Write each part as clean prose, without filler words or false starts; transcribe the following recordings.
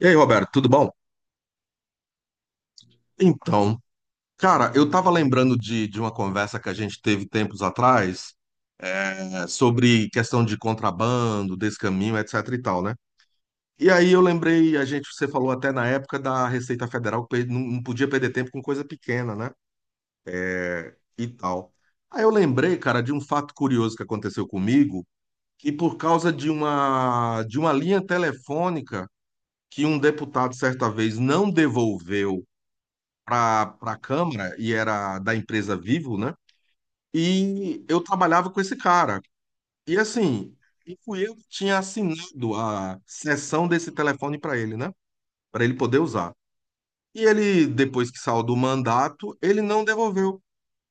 E aí, Roberto, tudo bom? Então, cara, eu tava lembrando de uma conversa que a gente teve tempos atrás, é, sobre questão de contrabando, desse caminho, etc e tal, né? E aí eu lembrei, você falou até na época da Receita Federal que não podia perder tempo com coisa pequena, né? É, e tal. Aí eu lembrei, cara, de um fato curioso que aconteceu comigo, que por causa de uma linha telefônica que um deputado certa vez não devolveu para a Câmara e era da empresa Vivo, né? E eu trabalhava com esse cara. E assim, e fui eu que tinha assinado a cessão desse telefone para ele, né? Para ele poder usar. E ele, depois que saiu do mandato, ele não devolveu.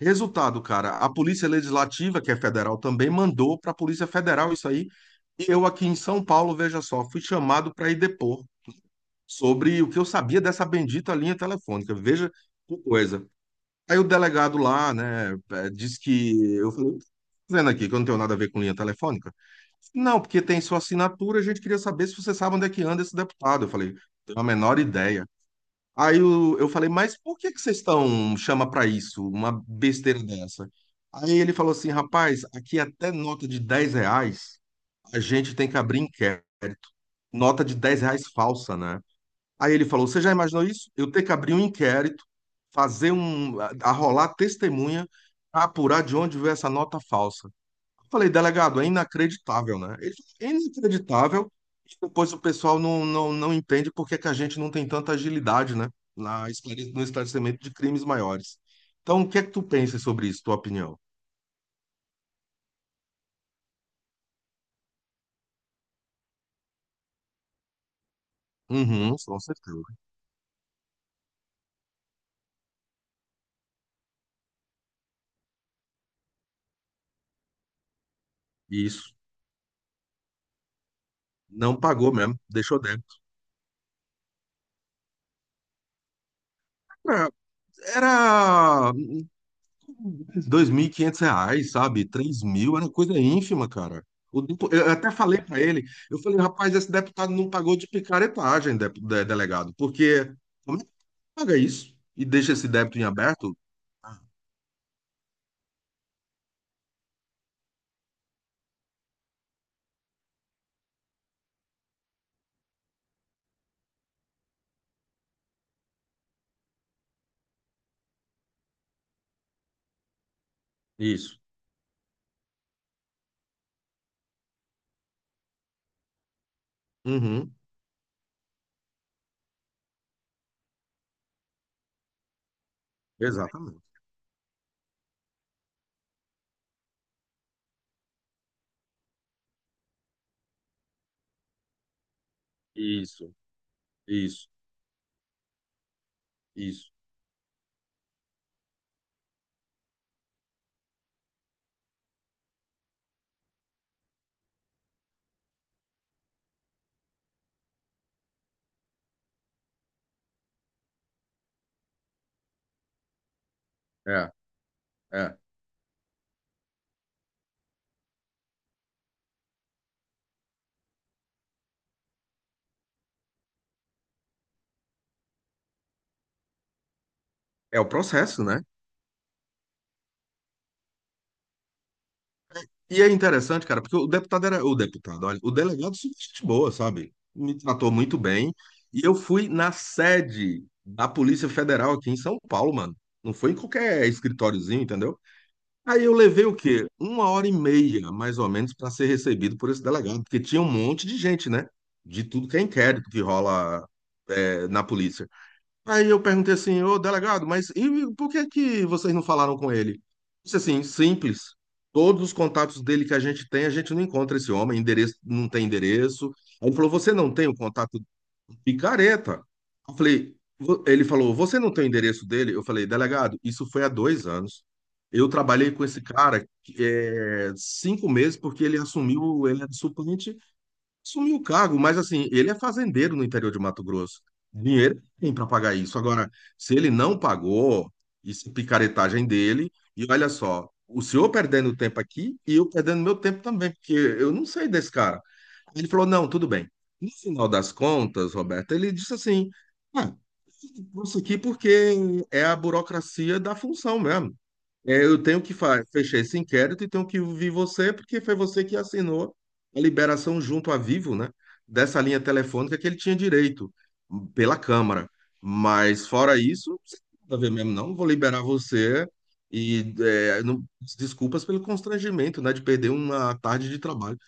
Resultado, cara, a Polícia Legislativa, que é federal também, mandou para a Polícia Federal isso aí. E eu aqui em São Paulo, veja só, fui chamado para ir depor sobre o que eu sabia dessa bendita linha telefônica. Veja que coisa. Aí o delegado lá, né, disse que eu falei, dizendo aqui que eu não tenho nada a ver com linha telefônica. Não, porque tem sua assinatura, a gente queria saber se você sabe onde é que anda esse deputado. Eu falei, tenho a menor ideia. Aí eu falei, mas por que que vocês estão chama para isso, uma besteira dessa? Aí ele falou assim, rapaz, aqui é até nota de R$ 10 a gente tem que abrir inquérito. Nota de 10 reais falsa, né? Aí ele falou: Você já imaginou isso? Eu ter que abrir um inquérito, fazer um, arrolar testemunha, pra apurar de onde veio essa nota falsa. Eu falei, delegado, é inacreditável, né? Ele falou, é inacreditável. E depois o pessoal não entende por que que a gente não tem tanta agilidade, né? Na, no esclarecimento de crimes maiores. Então, o que é que tu pensa sobre isso, tua opinião? Uhum, com certeza. Isso. Não pagou mesmo, deixou débito. Era, era R$ 2.500, sabe? 3 mil, era coisa ínfima, cara. Eu até falei para ele, eu falei, rapaz, esse deputado não pagou de picaretagem, delegado, porque como é que paga isso e deixa esse débito em aberto? Ah, isso. Uhum, exatamente. Isso, isso, isso. É, é. É o processo, né? E é interessante, cara, porque o deputado era. O deputado, olha, o delegado super gente boa, sabe? Me tratou muito bem. E eu fui na sede da Polícia Federal aqui em São Paulo, mano. Não foi em qualquer escritóriozinho, entendeu? Aí eu levei o quê? 1 hora e meia, mais ou menos, para ser recebido por esse delegado, porque tinha um monte de gente, né? De tudo que é inquérito que rola, é, na polícia. Aí eu perguntei assim, ô delegado, mas e por que que vocês não falaram com ele? Disse assim, simples. Todos os contatos dele que a gente tem, a gente não encontra esse homem, endereço, não tem endereço. Aí ele falou, você não tem o contato do picareta? Eu falei, ele falou, você não tem o endereço dele? Eu falei, delegado, isso foi há 2 anos. Eu trabalhei com esse cara é, 5 meses porque ele assumiu, ele era suplente. Sumiu o cargo, mas assim, ele é fazendeiro no interior de Mato Grosso. Dinheiro tem para pagar isso. Agora, se ele não pagou, isso é picaretagem dele. E olha só, o senhor perdendo tempo aqui e eu perdendo meu tempo também, porque eu não sei desse cara. Ele falou: não, tudo bem. No final das contas, Roberto, ele disse assim: ah, isso aqui porque é a burocracia da função mesmo. É, eu tenho que fechar esse inquérito e tenho que ouvir você, porque foi você que assinou a liberação junto à Vivo, né? Dessa linha telefônica que ele tinha direito pela Câmara. Mas fora isso, você não tem nada a ver mesmo, não. Vou liberar você e é, desculpas pelo constrangimento, né? De perder uma tarde de trabalho.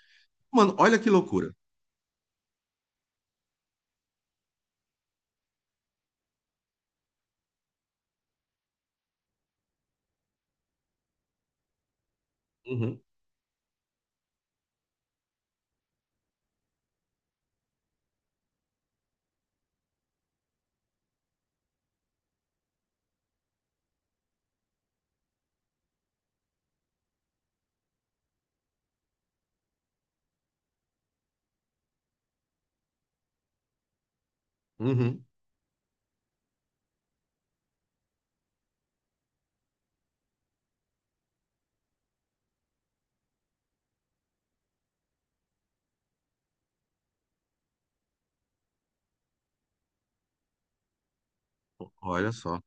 Mano, olha que loucura. Uhum, uhum. Olha só.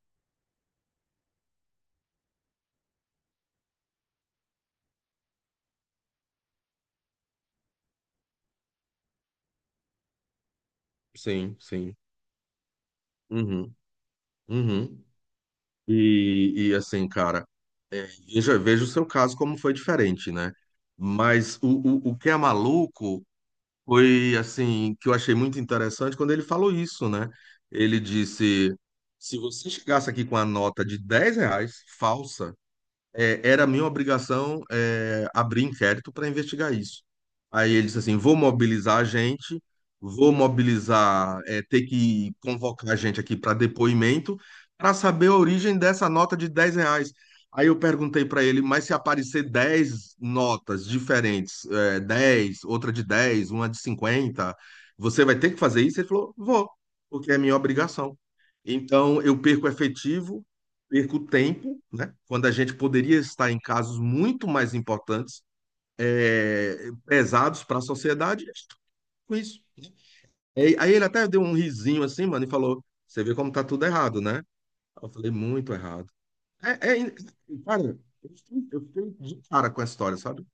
Sim, sim. Uhum, uhum. E assim, cara, é, veja, veja o seu caso como foi diferente, né? Mas o, que é maluco foi, assim, que eu achei muito interessante quando ele falou isso, né? Ele disse: se você chegasse aqui com a nota de R$ 10 falsa, é, era minha obrigação é, abrir inquérito para investigar isso. Aí ele disse assim: vou mobilizar a gente, vou mobilizar, é, ter que convocar a gente aqui para depoimento, para saber a origem dessa nota de R$ 10. Aí eu perguntei para ele: mas se aparecer 10 notas diferentes, é, dez, outra de 10, uma de 50, você vai ter que fazer isso? Ele falou: vou, porque é minha obrigação. Então eu perco efetivo perco tempo, né? Quando a gente poderia estar em casos muito mais importantes, é, pesados para a sociedade, e com isso. Aí ele até deu um risinho assim, mano, e falou: Você vê como tá tudo errado, né? Eu falei: Muito errado. É, é, cara, eu fiquei de cara com a história, sabe?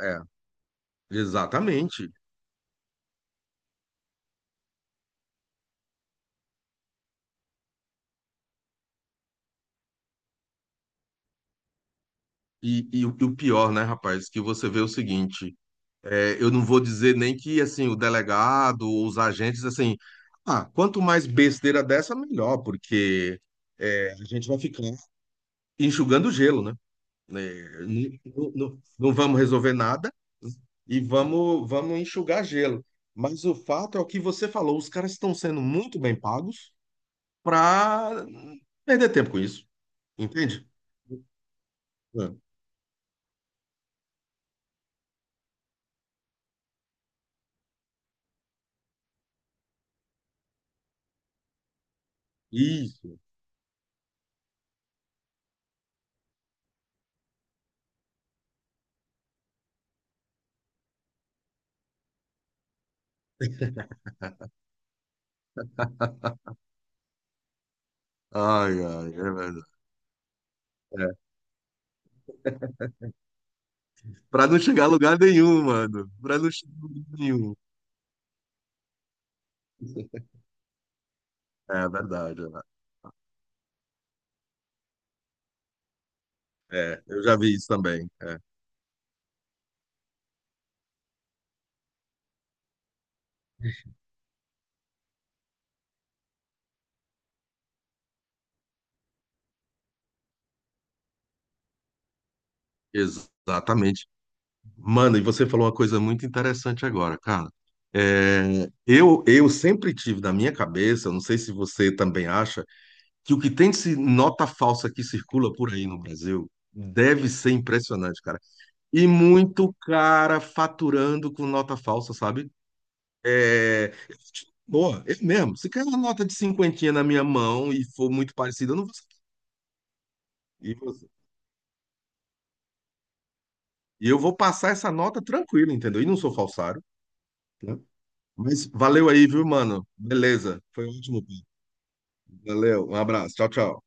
É, exatamente. E, e o pior, né, rapaz, que você vê o seguinte. É, eu não vou dizer nem que assim o delegado os agentes assim, ah, quanto mais besteira dessa, melhor, porque é, a gente vai ficar enxugando gelo, né? É, não, vamos resolver nada e vamos, enxugar gelo. Mas o fato é o que você falou, os caras estão sendo muito bem pagos para perder tempo com isso, entende? É. Isso. Ai, ai, é verdade. Para não chegar a lugar nenhum, mano. Para não chegar a lugar nenhum. É verdade. É, é, eu já vi isso também. É, exatamente. Mano, e você falou uma coisa muito interessante agora, cara. É, eu sempre tive na minha cabeça, eu não sei se você também acha, que o que tem de nota falsa que circula por aí no Brasil deve ser impressionante, cara. E muito cara faturando com nota falsa, sabe? É, boa, eu mesmo. Se cair uma nota de cinquentinha na minha mão e for muito parecida, eu não vou saber. E eu vou passar essa nota tranquilo, entendeu? E não sou falsário, né? Mas valeu aí, viu, mano? Beleza. Foi ótimo. Valeu. Um abraço. Tchau, tchau.